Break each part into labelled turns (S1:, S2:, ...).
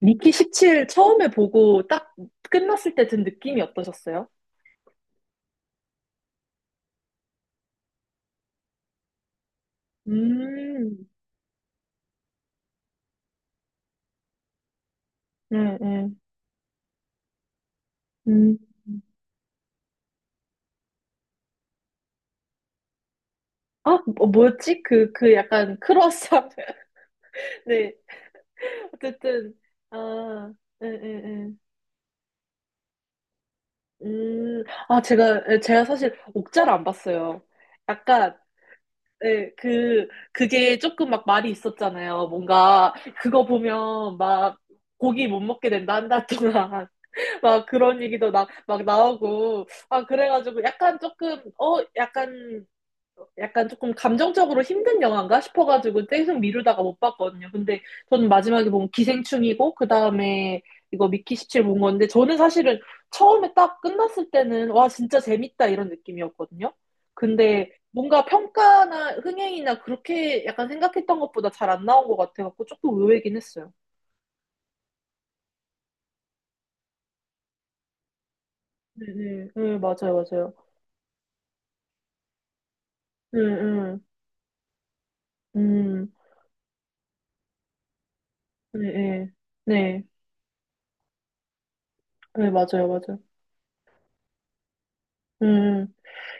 S1: 미키 17 처음에 보고 딱 끝났을 때 든 느낌이 어떠셨어요? 음, 네, 네. 음. 아, 뭐였지? 그 약간 크로스업. 네. 어쨌든, 아, 네, 네, 네. 아, 제가, 예, 제가 사실 옥자를 안 봤어요. 약간, 예, 그게 조금 막 말이 있었잖아요. 뭔가, 그거 보면 막 고기 못 먹게 된다, 한 달 동안. 막 그런 얘기도 막 나오고. 아, 그래가지고 약간 조금, 약간 조금 감정적으로 힘든 영화인가 싶어가지고 계속 미루다가 못 봤거든요. 근데 저는 마지막에 본 기생충이고, 그 다음에 이거 미키 17 본 건데, 저는 사실은 처음에 딱 끝났을 때는, 와, 진짜 재밌다 이런 느낌이었거든요. 근데 뭔가 평가나 흥행이나 그렇게 약간 생각했던 것보다 잘 안 나온 것 같아가지고 조금 의외긴 했어요. 네, 네, 네, 맞아요, 맞아요. 음, 음, 음. 네, 네, 네, 네, 맞아요, 맞아요. 음,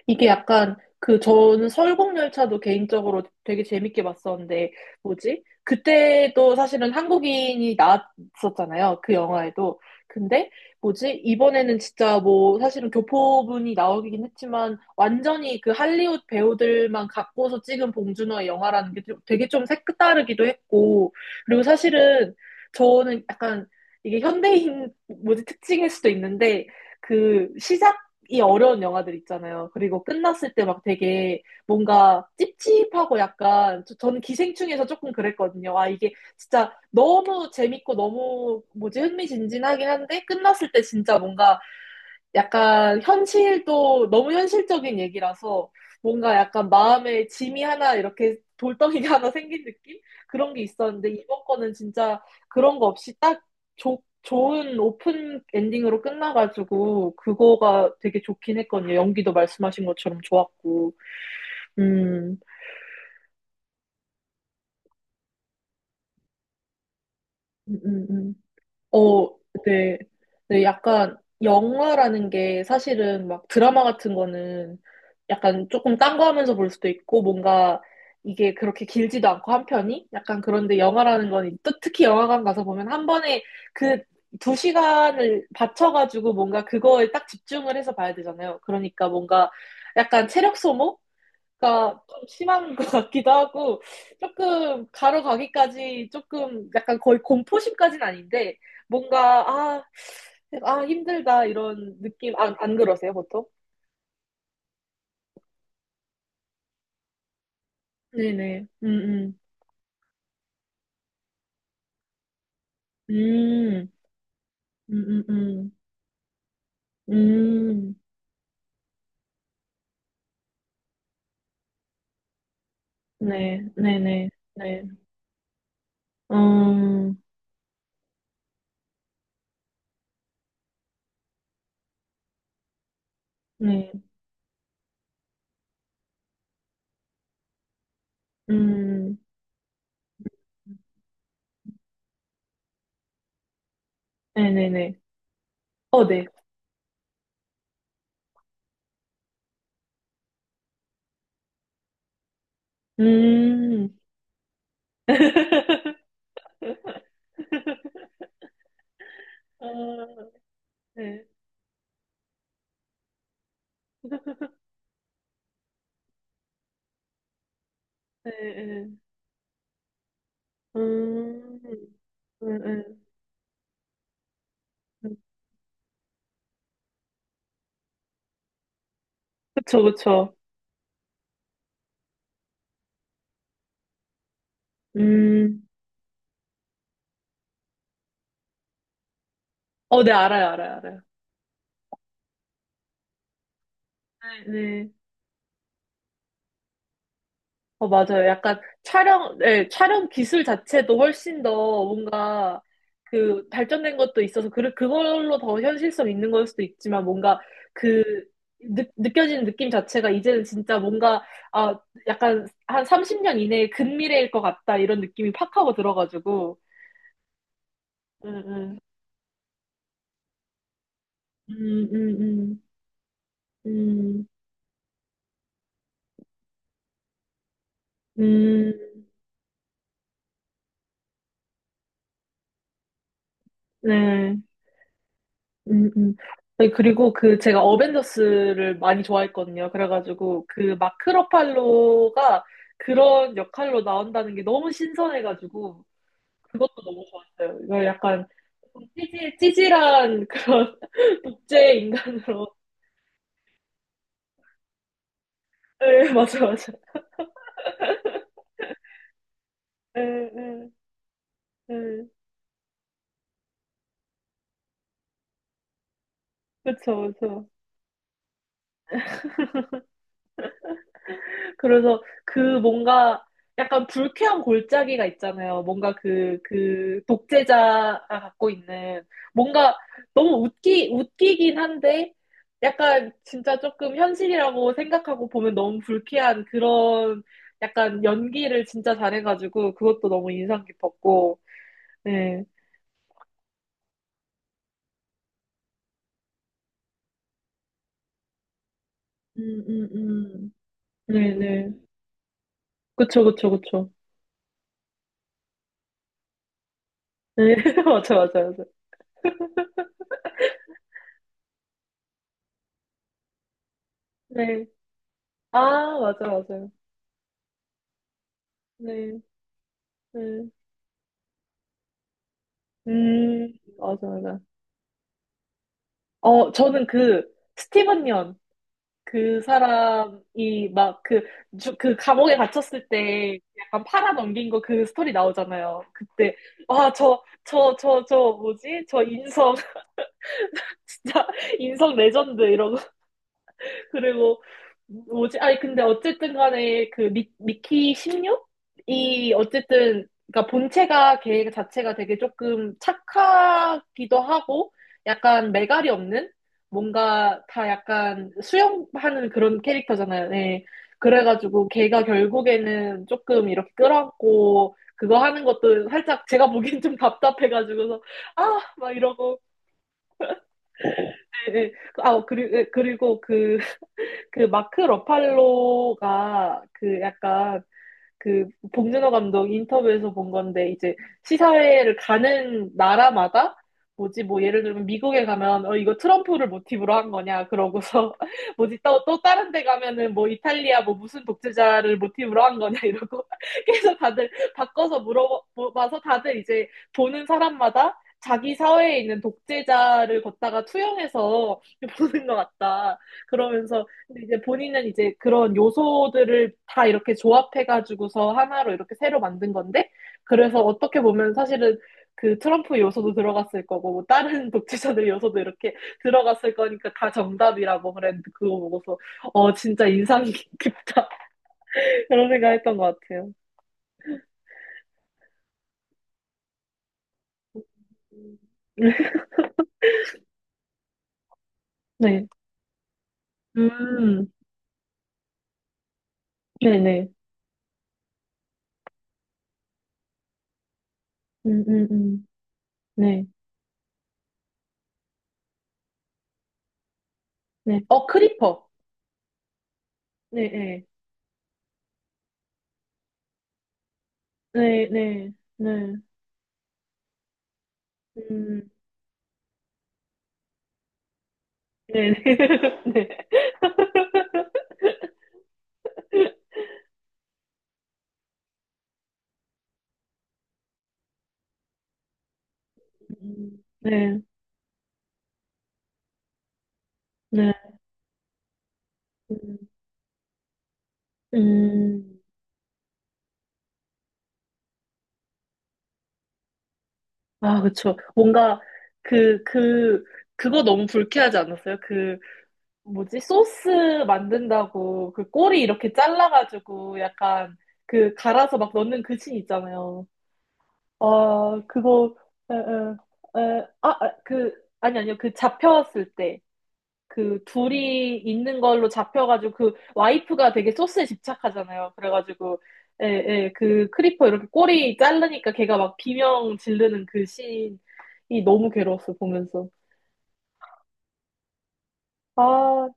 S1: 이게 약간 그 저는 설국열차도 개인적으로 되게 재밌게 봤었는데 뭐지? 그때도 사실은 한국인이 나왔었잖아요. 그 영화에도. 근데 뭐지? 이번에는 진짜 뭐 사실은 교포분이 나오긴 했지만 완전히 그 할리우드 배우들만 갖고서 찍은 봉준호의 영화라는 게 되게 좀 색다르기도 했고 그리고 사실은 저는 약간 이게 현대인 뭐지 특징일 수도 있는데 그 시장 이 어려운 영화들 있잖아요. 그리고 끝났을 때 막 되게 뭔가 찝찝하고 약간 저는 기생충에서 조금 그랬거든요. 아, 이게 진짜 너무 재밌고 너무 뭐지 흥미진진하긴 한데 끝났을 때 진짜 뭔가 약간 현실도 너무 현실적인 얘기라서 뭔가 약간 마음에 짐이 하나 이렇게 돌덩이가 하나 생긴 느낌? 그런 게 있었는데 이번 거는 진짜 그런 거 없이 딱 좋 좋은 오픈 엔딩으로 끝나가지고 그거가 되게 좋긴 했거든요. 연기도 말씀하신 것처럼 좋았고. 음, 음, 음, 음. 어, 네. 네, 약간 영화라는 게 사실은 막 드라마 같은 거는 약간 조금 딴 거 하면서 볼 수도 있고 뭔가 이게 그렇게 길지도 않고 한 편이 약간 그런데 영화라는 건 또 특히 영화관 가서 보면 한 번에 그 2시간을 바쳐가지고 뭔가 그거에 딱 집중을 해서 봐야 되잖아요. 그러니까 뭔가 약간 체력 소모? 그러니까 좀 심한 것 같기도 하고 조금 가러 가기까지 조금 약간 거의 공포심까지는 아닌데 뭔가 아, 아 힘들다 이런 느낌 안 그러세요 보통? 네네 음, 음, 음, 음. 네, 네네 네. 음, 네. 음. 네네네 어, 네. 음. 아, 네. 네, 네. 음, 음, 음. 음. 그쵸, 그쵸. 음, 어, 네, 알아요, 알아요, 알아요. 네, 네. 어, 맞아요. 약간 촬영, 네, 촬영 기술 자체도 훨씬 더 뭔가 그 발전된 것도 있어서 그걸로 더 현실성 있는 걸 수도 있지만 뭔가 그 느껴지는 느낌 자체가 이제는 진짜 뭔가 아, 약간 한 30년 이내의 근미래일 것 같다 이런 느낌이 팍 하고 들어가지고. 음, 음, 음, 음, 음, 음, 음. 네. 음, 음. 아니, 그리고 그 제가 어벤져스를 많이 좋아했거든요. 그래가지고 그 마크 러팔로가 그런 역할로 나온다는 게 너무 신선해가지고 그것도 너무 좋았어요. 이거 약간 좀 찌질한 그런 독재 인간으로. 네, 맞아, 맞아. 네, 네, 네. 그쵸, 그쵸. 그래서 그 뭔가 약간 불쾌한 골짜기가 있잖아요. 뭔가 그 독재자가 갖고 있는 뭔가 너무 웃기긴 한데 약간 진짜 조금 현실이라고 생각하고 보면 너무 불쾌한 그런 약간 연기를 진짜 잘해가지고 그것도 너무 인상 깊었고. 네. 음, 음, 음. 네네. 그쵸, 그쵸, 그쵸. 네. 맞아, 맞아, 맞아. 네. 아, 맞아, 맞아요. 네. 네. 음, 맞아, 맞아. 어, 저는 그, 스티븐 연, 그 사람이 막 그, 그 감옥에 갇혔을 때 약간 팔아 넘긴 거 그 스토리 나오잖아요. 그때, 와, 저, 뭐지? 저 인성, 진짜 인성 레전드. 그리고 뭐지? 아니 근데 어쨌든 간에 그 미키 16이 어쨌든 그러니까 본체가 걔 자체가 되게 조금 착하기도 하고 약간 매갈이 없는 뭔가 다 약간 수용하는 그런 캐릭터잖아요. 네. 그래가지고 걔가 결국에는 조금 이렇게 끌어안고 그거 하는 것도 살짝 제가 보기엔 좀 답답해가지고서 아 막 이러고 예, 예. 아, 그리고 그 마크 러팔로가 그 약간 그 봉준호 감독 인터뷰에서 본 건데 이제 시사회를 가는 나라마다 뭐지 뭐 예를 들면 미국에 가면 어 이거 트럼프를 모티브로 한 거냐 그러고서 뭐지 또 또 다른 데 가면은 뭐 이탈리아 뭐 무슨 독재자를 모티브로 한 거냐 이러고 계속 다들 바꿔서 물어봐서 다들 이제 보는 사람마다 자기 사회에 있는 독재자를 걷다가 투영해서 보는 것 같다 그러면서 근데 이제 본인은 이제 그런 요소들을 다 이렇게 조합해가지고서 하나로 이렇게 새로 만든 건데, 그래서 어떻게 보면 사실은 그 트럼프 요소도 들어갔을 거고, 뭐 다른 독재자들 요소도 이렇게 들어갔을 거니까 다 정답이라고 그랬는데, 그거 보고서, 어, 진짜 인상 깊다. 그런 생각 했던 것 같아요. 네. 음, 네네. 음, 음, 음. 네, 네. 어, 크리퍼. 네, 네. 네, 네. 네. 음. 네. 네. 네. 네. 음. 음. 아, 그쵸. 뭔가 그, 그, 그거 너무 불쾌하지 않았어요? 그, 뭐지? 소스 만든다고 그 꼬리 이렇게 잘라가지고 약간 그 갈아서 막 넣는 그 씬 있잖아요. 아, 그거, 에, 에, 에, 아, 아, 그, 아니, 아니요. 그 잡혔을 때. 그 둘이 있는 걸로 잡혀가지고 그 와이프가 되게 소스에 집착하잖아요. 그래가지고 예, 예, 그 크리퍼 이렇게 꼬리 자르니까 걔가 막 비명 지르는 그 씬이 너무 괴로웠어 보면서. 아,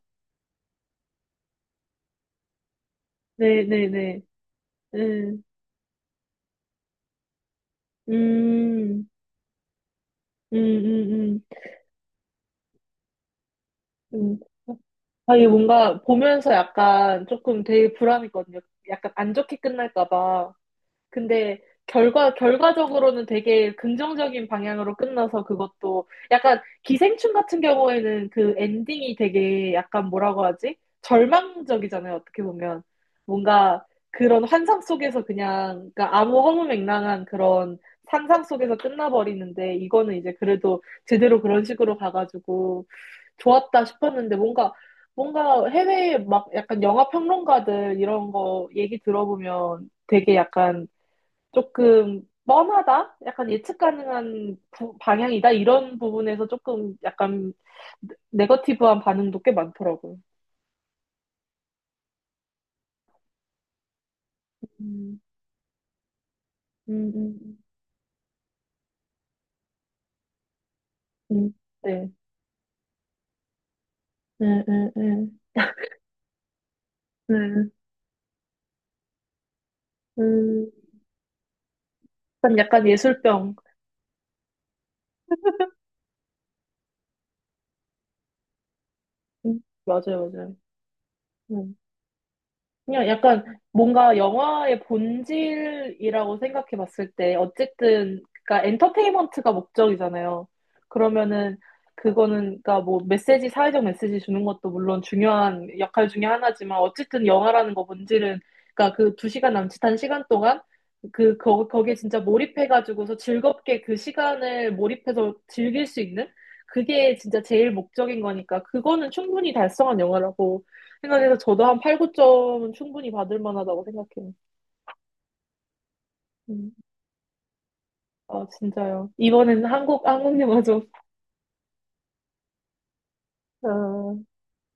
S1: 네, 네, 네. 음, 음, 음, 음, 음. 아, 이게 뭔가 보면서 약간 조금 되게 불안했거든요. 약간 안 좋게 끝날까 봐. 근데 결과적으로는 되게 긍정적인 방향으로 끝나서 그것도 약간 기생충 같은 경우에는 그 엔딩이 되게 약간 뭐라고 하지? 절망적이잖아요, 어떻게 보면. 뭔가 그런 환상 속에서 그냥, 그러니까 아무 허무맹랑한 그런 상상 속에서 끝나버리는데 이거는 이제 그래도 제대로 그런 식으로 가가지고 좋았다 싶었는데 뭔가 해외에 막 약간 영화 평론가들 이런 거 얘기 들어보면 되게 약간 조금 뻔하다? 약간 예측 가능한 방향이다? 이런 부분에서 조금 약간 네거티브한 반응도 꽤 많더라고요. 음, 음, 음, 음, 네. 네, 네, 네. 네. 음, 약간 예술병. 음, 맞아요, 맞아요. 그냥 약간 뭔가 영화의 본질이라고 생각해 봤을 때 어쨌든 그러니까 엔터테인먼트가 목적이잖아요. 그러면은 그거는 그러니까 뭐 메시지 사회적 메시지 주는 것도 물론 중요한 역할 중에 하나지만 어쨌든 영화라는 거 본질은 그러니까 그 2시간 남짓한 시간 동안 그 거기에 진짜 몰입해 가지고서 즐겁게 그 시간을 몰입해서 즐길 수 있는 그게 진짜 제일 목적인 거니까 그거는 충분히 달성한 영화라고 생각해서 저도 한 8, 9점은 충분히 받을 만하다고 생각해요. 음, 아, 진짜요. 이번에는 한국 영화 좀, 아,